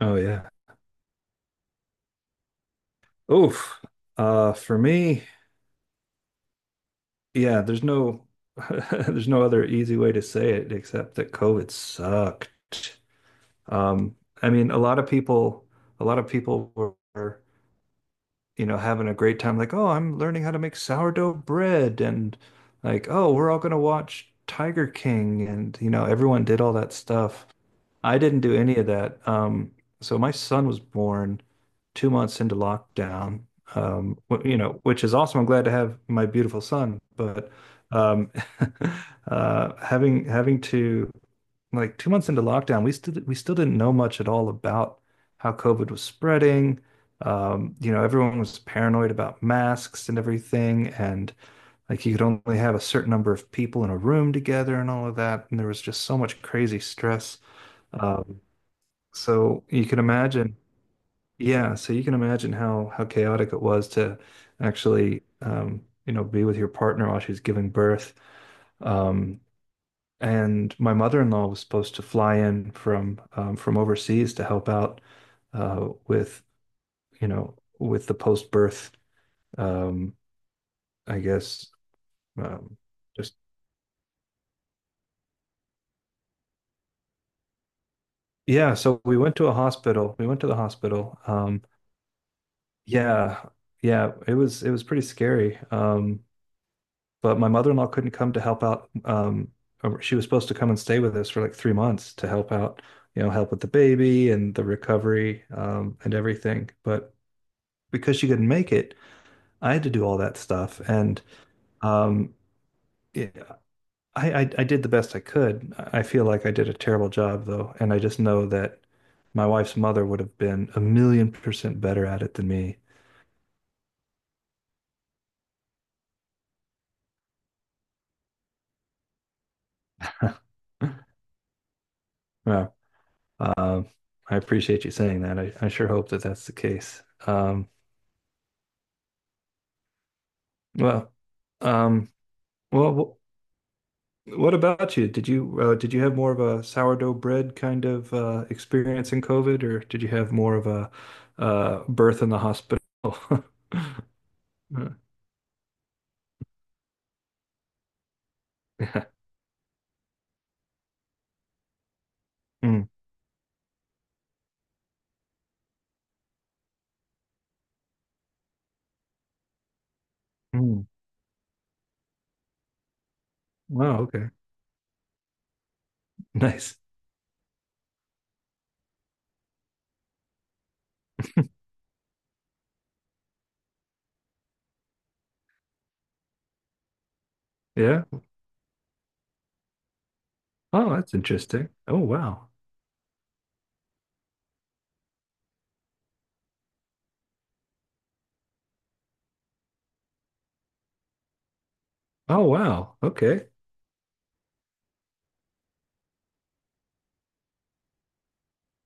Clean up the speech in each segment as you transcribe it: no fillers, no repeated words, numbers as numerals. Oh yeah. Oof. For me, yeah, there's no there's no other easy way to say it except that COVID sucked. Um, I mean, a lot of people were, you know, having a great time like, "Oh, I'm learning how to make sourdough bread." And like, "Oh, we're all going to watch Tiger King." And you know, everyone did all that stuff. I didn't do any of that. So my son was born 2 months into lockdown, you know, which is awesome. I'm glad to have my beautiful son, but um, having to like 2 months into lockdown, we still didn't know much at all about how COVID was spreading. You know, everyone was paranoid about masks and everything, and like you could only have a certain number of people in a room together and all of that. And there was just so much crazy stress. Um, so you can imagine, yeah, so you can imagine how chaotic it was to actually you know, be with your partner while she's giving birth. Um, and my mother-in-law was supposed to fly in from overseas to help out with, you know, with the post-birth um, I guess um, just yeah, so we went to a hospital. We went to the hospital. Yeah. Yeah, it was pretty scary. But my mother-in-law couldn't come to help out. She was supposed to come and stay with us for like 3 months to help out, you know, help with the baby and the recovery, and everything. But because she couldn't make it, I had to do all that stuff. And um, it, I did the best I could. I feel like I did a terrible job though, and I just know that my wife's mother would have been 1,000,000% better at it than me. Well, um, I appreciate you saying that. I sure hope that that's the case. Um, Well, um, well, what about you? Did you did you have more of a sourdough bread kind of experience in COVID, or did you have more of a birth in the hospital? Yeah. Mm, mm. Wow. Okay. Nice. Yeah. Oh, that's interesting. Oh, wow. Oh, wow. Okay.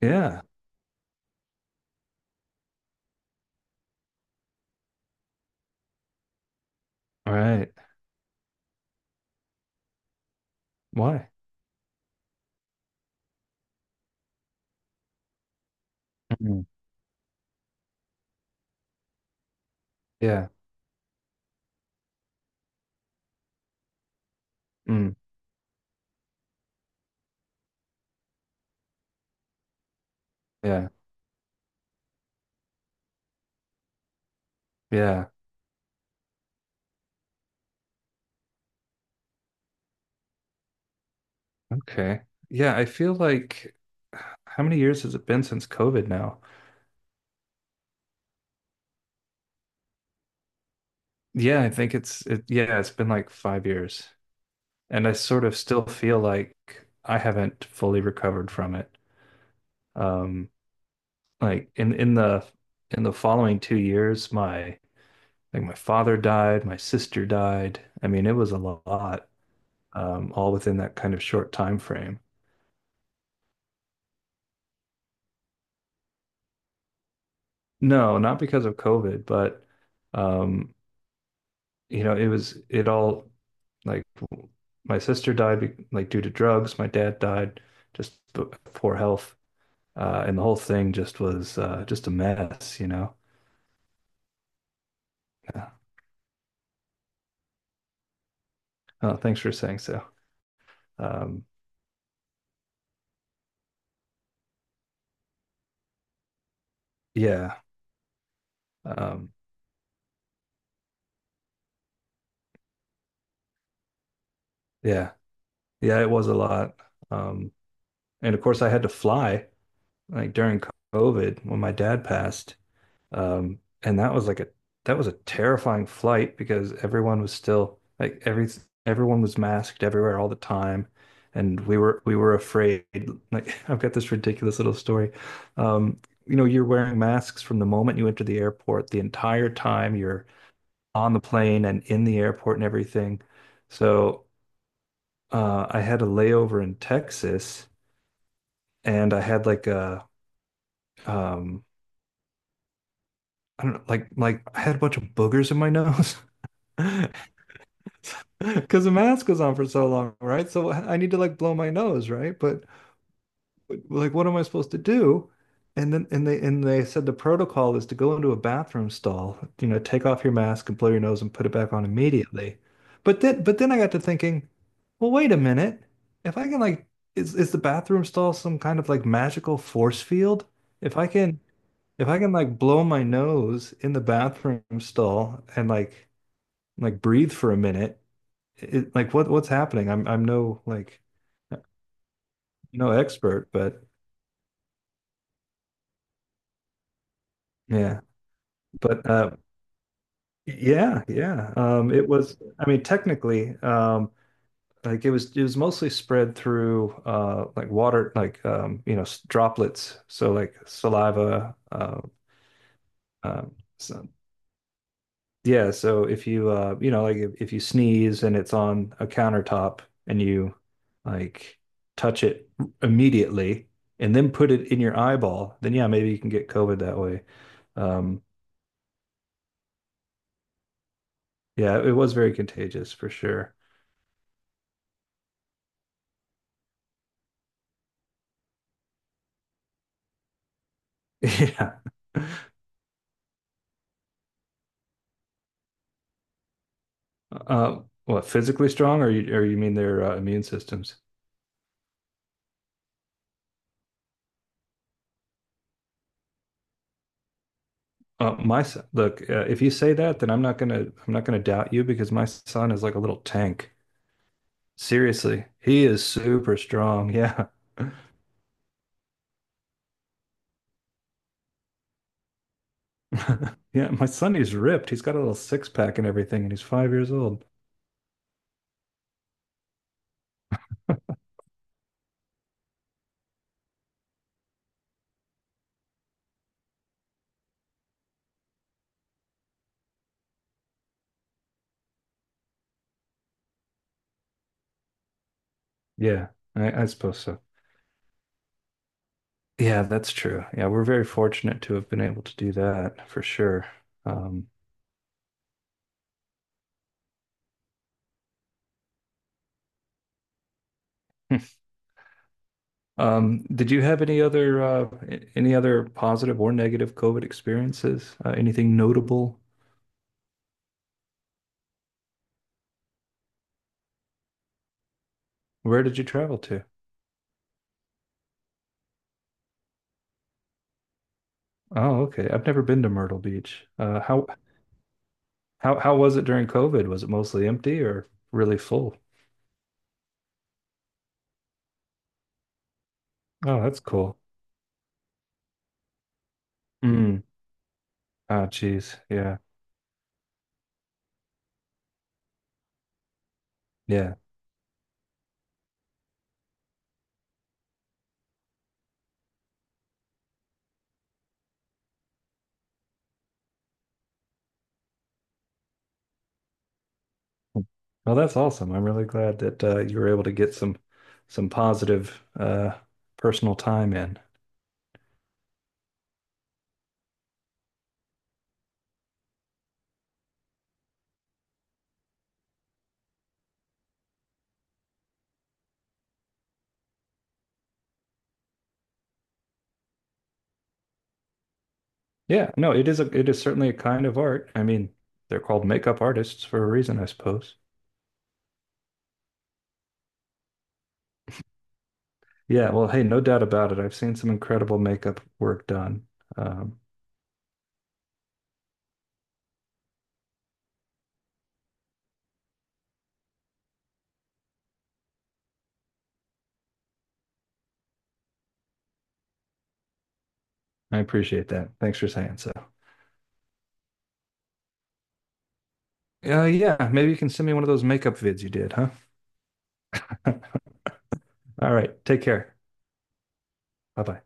Yeah. All right. Why? Mm. Yeah. Mm. Yeah. Yeah. Okay. Yeah. I feel like how many years has it been since COVID now? Yeah, I think it's it yeah, it's been like 5 years. And I sort of still feel like I haven't fully recovered from it. Um like in the following 2 years, my father died, my sister died. I mean, it was a lot, all within that kind of short time frame. No, not because of COVID, but um, you know, it was it all like my sister died like due to drugs, my dad died just b- poor health. And the whole thing just was just a mess, you know. Yeah. Oh, thanks for saying so. Um, yeah, um, yeah, yeah. It was a lot, um, and of course, I had to fly like during COVID when my dad passed. And that was like a that was a terrifying flight because everyone was still everyone was masked everywhere all the time, and we were afraid. Like I've got this ridiculous little story. Um, you know, you're wearing masks from the moment you enter the airport, the entire time you're on the plane and in the airport and everything. So I had a layover in Texas, and I had like a um, I don't know, like I had a bunch of boogers in my nose. Because the mask goes on for so long, right? So I need to like blow my nose, right? But like, what am I supposed to do? And they said the protocol is to go into a bathroom stall, you know, take off your mask and blow your nose and put it back on immediately. But then I got to thinking, well, wait a minute. If I can like, is the bathroom stall some kind of like magical force field? If I can if I can like blow my nose in the bathroom stall and like breathe for a minute like what's happening? I'm no like no expert, but yeah, but yeah. It was. I mean, technically, like it was. It was mostly spread through like water, like you know, droplets. So like saliva, um, s- yeah, so if you you know like if you sneeze and it's on a countertop and you like touch it immediately and then put it in your eyeball, then yeah, maybe you can get COVID that way. Um yeah, it was very contagious for sure. Yeah. Uh, what, physically strong or you mean their immune systems? My son, look, if you say that, then I'm not gonna doubt you because my son is like a little tank. Seriously, he is super strong. Yeah. Yeah, my son, he's ripped. He's got a little six pack and everything, and he's 5 years old. Yeah, I suppose so. Yeah, that's true. Yeah, we're very fortunate to have been able to do that for sure. Um, did you have any other any other positive or negative COVID experiences? Anything notable? Where did you travel to? Oh, okay. I've never been to Myrtle Beach. Uh, how how was it during COVID? Was it mostly empty or really full? Oh, that's cool. Mm. Oh, geez. Yeah. Yeah. Well, that's awesome. I'm really glad that you were able to get some positive personal time in. Yeah, no, it is certainly a kind of art. I mean, they're called makeup artists for a reason, I suppose. Yeah, well, hey, no doubt about it. I've seen some incredible makeup work done. Um, I appreciate that. Thanks for saying so. Yeah, maybe you can send me one of those makeup vids you did, huh? All right, take care. Bye bye.